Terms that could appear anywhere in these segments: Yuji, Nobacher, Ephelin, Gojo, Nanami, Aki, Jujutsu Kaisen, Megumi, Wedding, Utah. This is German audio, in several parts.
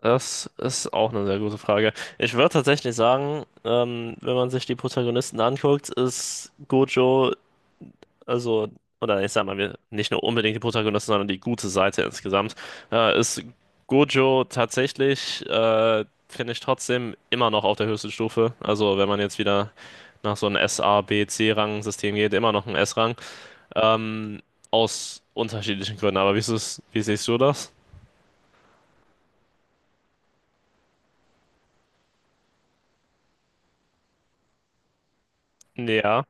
Das ist auch eine sehr gute Frage. Ich würde tatsächlich sagen, wenn man sich die Protagonisten anguckt, ist Gojo, also, oder ich sag mal, wir, nicht nur unbedingt die Protagonisten, sondern die gute Seite insgesamt, ist Gojo tatsächlich, finde ich trotzdem immer noch auf der höchsten Stufe. Also, wenn man jetzt wieder nach so einem S A B, C-Rang-System geht, immer noch ein S-Rang. Ähm, aus unterschiedlichen Gründen. Aber wie ist es, wie siehst du das? Ja,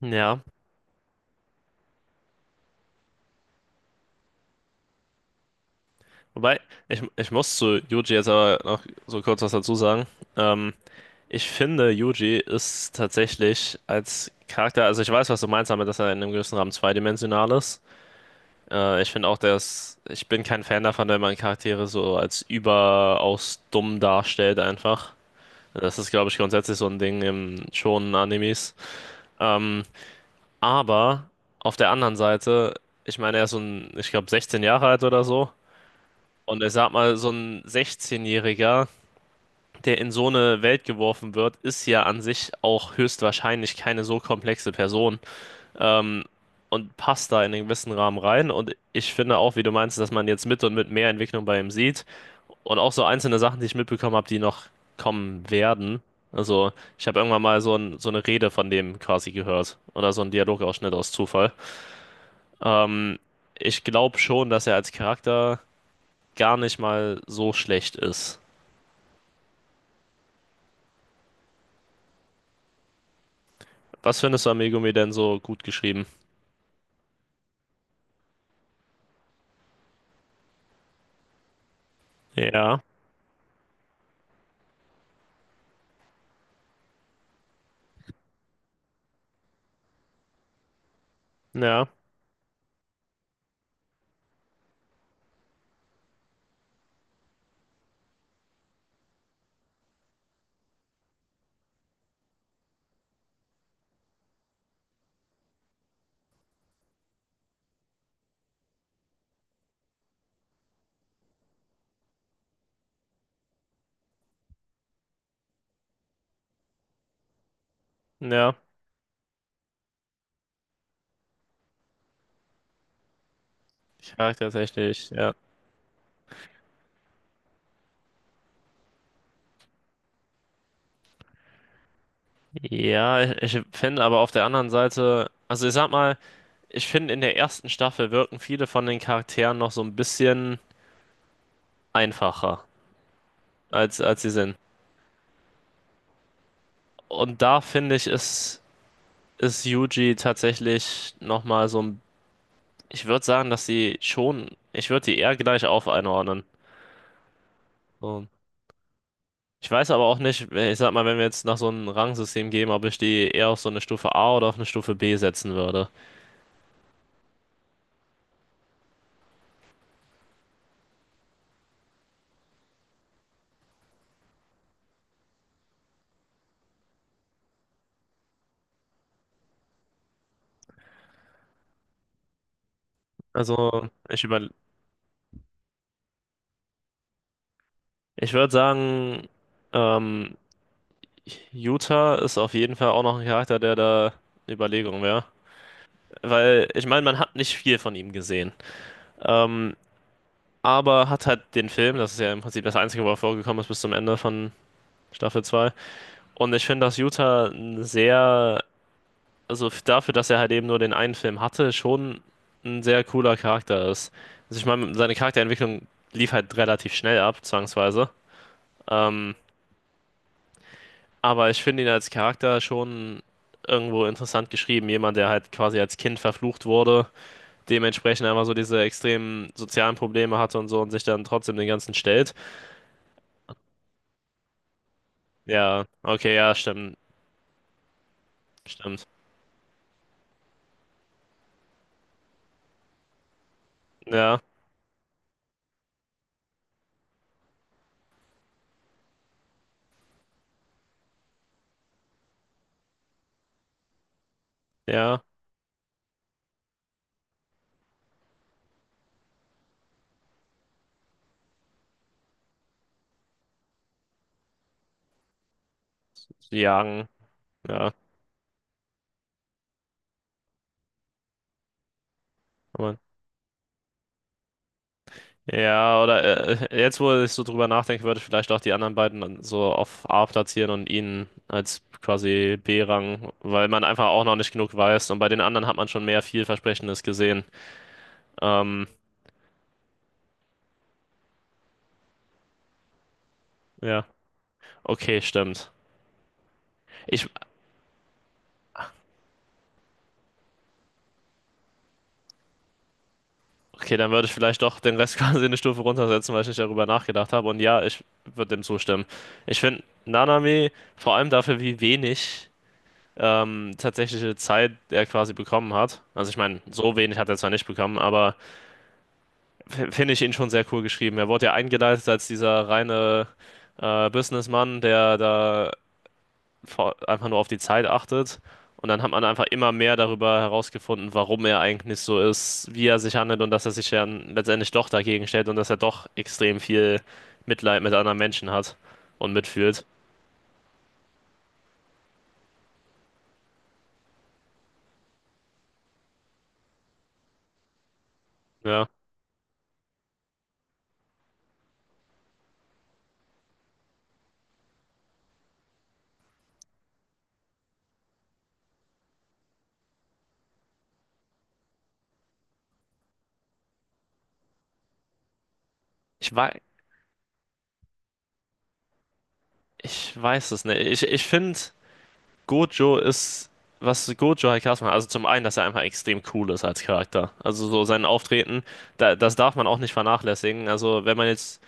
ja. Wobei, ich muss zu Yuji jetzt aber noch so kurz was dazu sagen. Ähm, ich finde, Yuji ist tatsächlich als Charakter, also ich weiß, was du meinst damit, dass er in einem gewissen Rahmen zweidimensional ist. Ich finde auch, dass ich bin kein Fan davon, wenn man Charaktere so als überaus dumm darstellt einfach. Das ist, glaube ich, grundsätzlich so ein Ding im Shonen-Animes. Ähm, aber auf der anderen Seite, ich meine, er ist so ein, ich glaube, 16 Jahre alt oder so. Und ich sag mal, so ein 16-Jähriger, der in so eine Welt geworfen wird, ist ja an sich auch höchstwahrscheinlich keine so komplexe Person. Ähm, und passt da in einen gewissen Rahmen rein. Und ich finde auch, wie du meinst, dass man jetzt mit und mit mehr Entwicklung bei ihm sieht. Und auch so einzelne Sachen, die ich mitbekommen habe, die noch kommen werden. Also, ich habe irgendwann mal so, ein, so eine Rede von dem quasi gehört. Oder so einen Dialogausschnitt aus Zufall. Ähm, ich glaube schon, dass er als Charakter gar nicht mal so schlecht ist. Was findest du an Megumi denn so gut geschrieben? Ja, ja, ja. Ich frage tatsächlich, ja. Ja, ich finde aber auf der anderen Seite, also ich sag mal, ich finde in der ersten Staffel wirken viele von den Charakteren noch so ein bisschen einfacher, als sie sind. Und da finde ich, ist Yuji tatsächlich nochmal so ein, ich würde sagen, dass sie schon, ich würde die eher gleich auf einordnen. So. Ich weiß aber auch nicht, ich sag mal, wenn wir jetzt nach so einem Rangsystem gehen, ob ich die eher auf so eine Stufe A oder auf eine Stufe B setzen würde. Also, ich würde sagen, ähm, Utah ist auf jeden Fall auch noch ein Charakter, der da eine Überlegung wäre. Weil, ich meine, man hat nicht viel von ihm gesehen. Ähm, aber hat halt den Film, das ist ja im Prinzip das Einzige, wo er vorgekommen ist bis zum Ende von Staffel zwei. Und ich finde, dass Utah ein sehr, also dafür, dass er halt eben nur den einen Film hatte, schon ein sehr cooler Charakter ist. Also ich meine, seine Charakterentwicklung lief halt relativ schnell ab, zwangsweise. Ähm, Aber ich finde ihn als Charakter schon irgendwo interessant geschrieben. Jemand, der halt quasi als Kind verflucht wurde, dementsprechend einfach so diese extremen sozialen Probleme hatte und so und sich dann trotzdem den ganzen stellt. Ja, okay, ja, stimmt, stimmt. Ja, ja, sie jagen, ja, aber, ja, oder jetzt, wo ich so drüber nachdenke, würde ich vielleicht auch die anderen beiden dann so auf A platzieren und ihn als quasi B-Rang, weil man einfach auch noch nicht genug weiß und bei den anderen hat man schon mehr vielversprechendes gesehen. Ähm, Ja, okay, stimmt. Ich, okay, dann würde ich vielleicht doch den Rest quasi eine Stufe runtersetzen, weil ich nicht darüber nachgedacht habe. Und ja, ich würde dem zustimmen. Ich finde Nanami vor allem dafür, wie wenig tatsächliche Zeit er quasi bekommen hat. Also ich meine, so wenig hat er zwar nicht bekommen, aber finde ich ihn schon sehr cool geschrieben. Er wurde ja eingeleitet als dieser reine Businessman, der da einfach nur auf die Zeit achtet. Und dann hat man einfach immer mehr darüber herausgefunden, warum er eigentlich so ist, wie er sich handelt und dass er sich dann letztendlich doch dagegen stellt und dass er doch extrem viel Mitleid mit anderen Menschen hat und mitfühlt. Ja, ich weiß, ich weiß es nicht. Ich finde, Gojo ist, was Gojo halt krass macht, also zum einen, dass er einfach extrem cool ist als Charakter. Also so sein Auftreten, da, das darf man auch nicht vernachlässigen. Also wenn man jetzt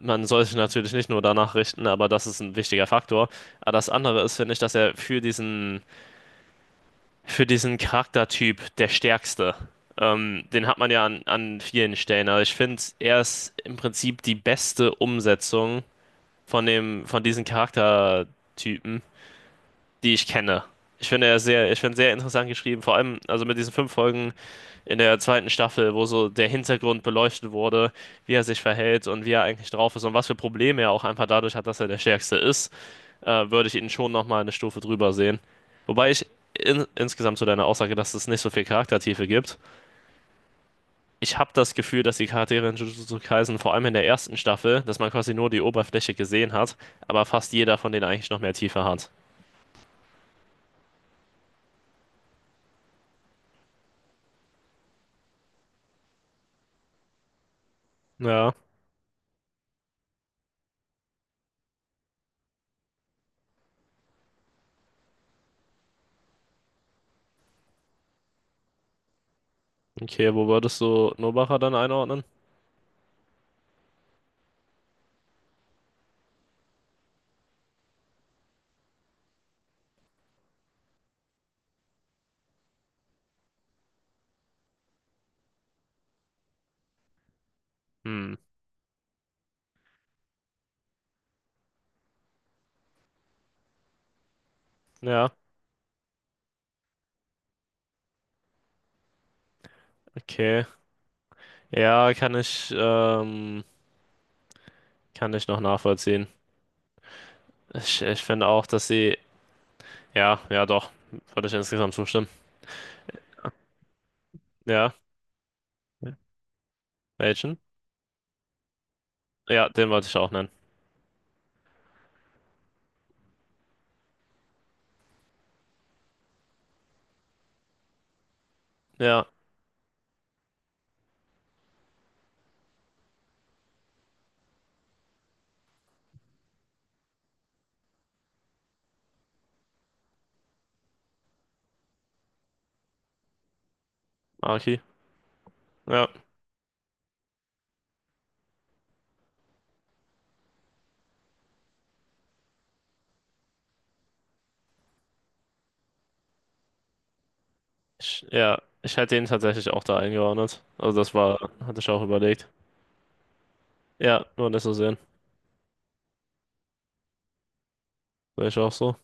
Man sollte natürlich nicht nur danach richten, aber das ist ein wichtiger Faktor. Aber das andere ist, finde ich, dass er für diesen Charaktertyp der Stärkste, den hat man ja an vielen Stellen. Also ich finde, er ist im Prinzip die beste Umsetzung von dem, von diesen Charaktertypen die ich kenne. Ich finde er sehr, ich finde sehr interessant geschrieben, vor allem also mit diesen fünf Folgen in der zweiten Staffel, wo so der Hintergrund beleuchtet wurde, wie er sich verhält und wie er eigentlich drauf ist und was für Probleme er auch einfach dadurch hat, dass er der Stärkste ist, würde ich ihn schon nochmal eine Stufe drüber sehen. Wobei ich insgesamt zu deiner Aussage, dass es nicht so viel Charaktertiefe gibt. Ich habe das Gefühl, dass die Charaktere in Jujutsu Kaisen vor allem in der ersten Staffel, dass man quasi nur die Oberfläche gesehen hat, aber fast jeder von denen eigentlich noch mehr Tiefe hat. Ja. Okay, wo würdest du Nobacher dann einordnen? Hm, ja, okay. Ja, kann ich noch nachvollziehen. Ich finde auch, dass sie, ja, ja doch, würde ich insgesamt zustimmen. Ja, welchen? Ja, den wollte ich auch nennen. Ja, Aki. Ja, ja, ich hätte ihn tatsächlich auch da eingeordnet. Also das war, hatte ich auch überlegt. Ja, nur nicht so sehen. Sehe ich auch so.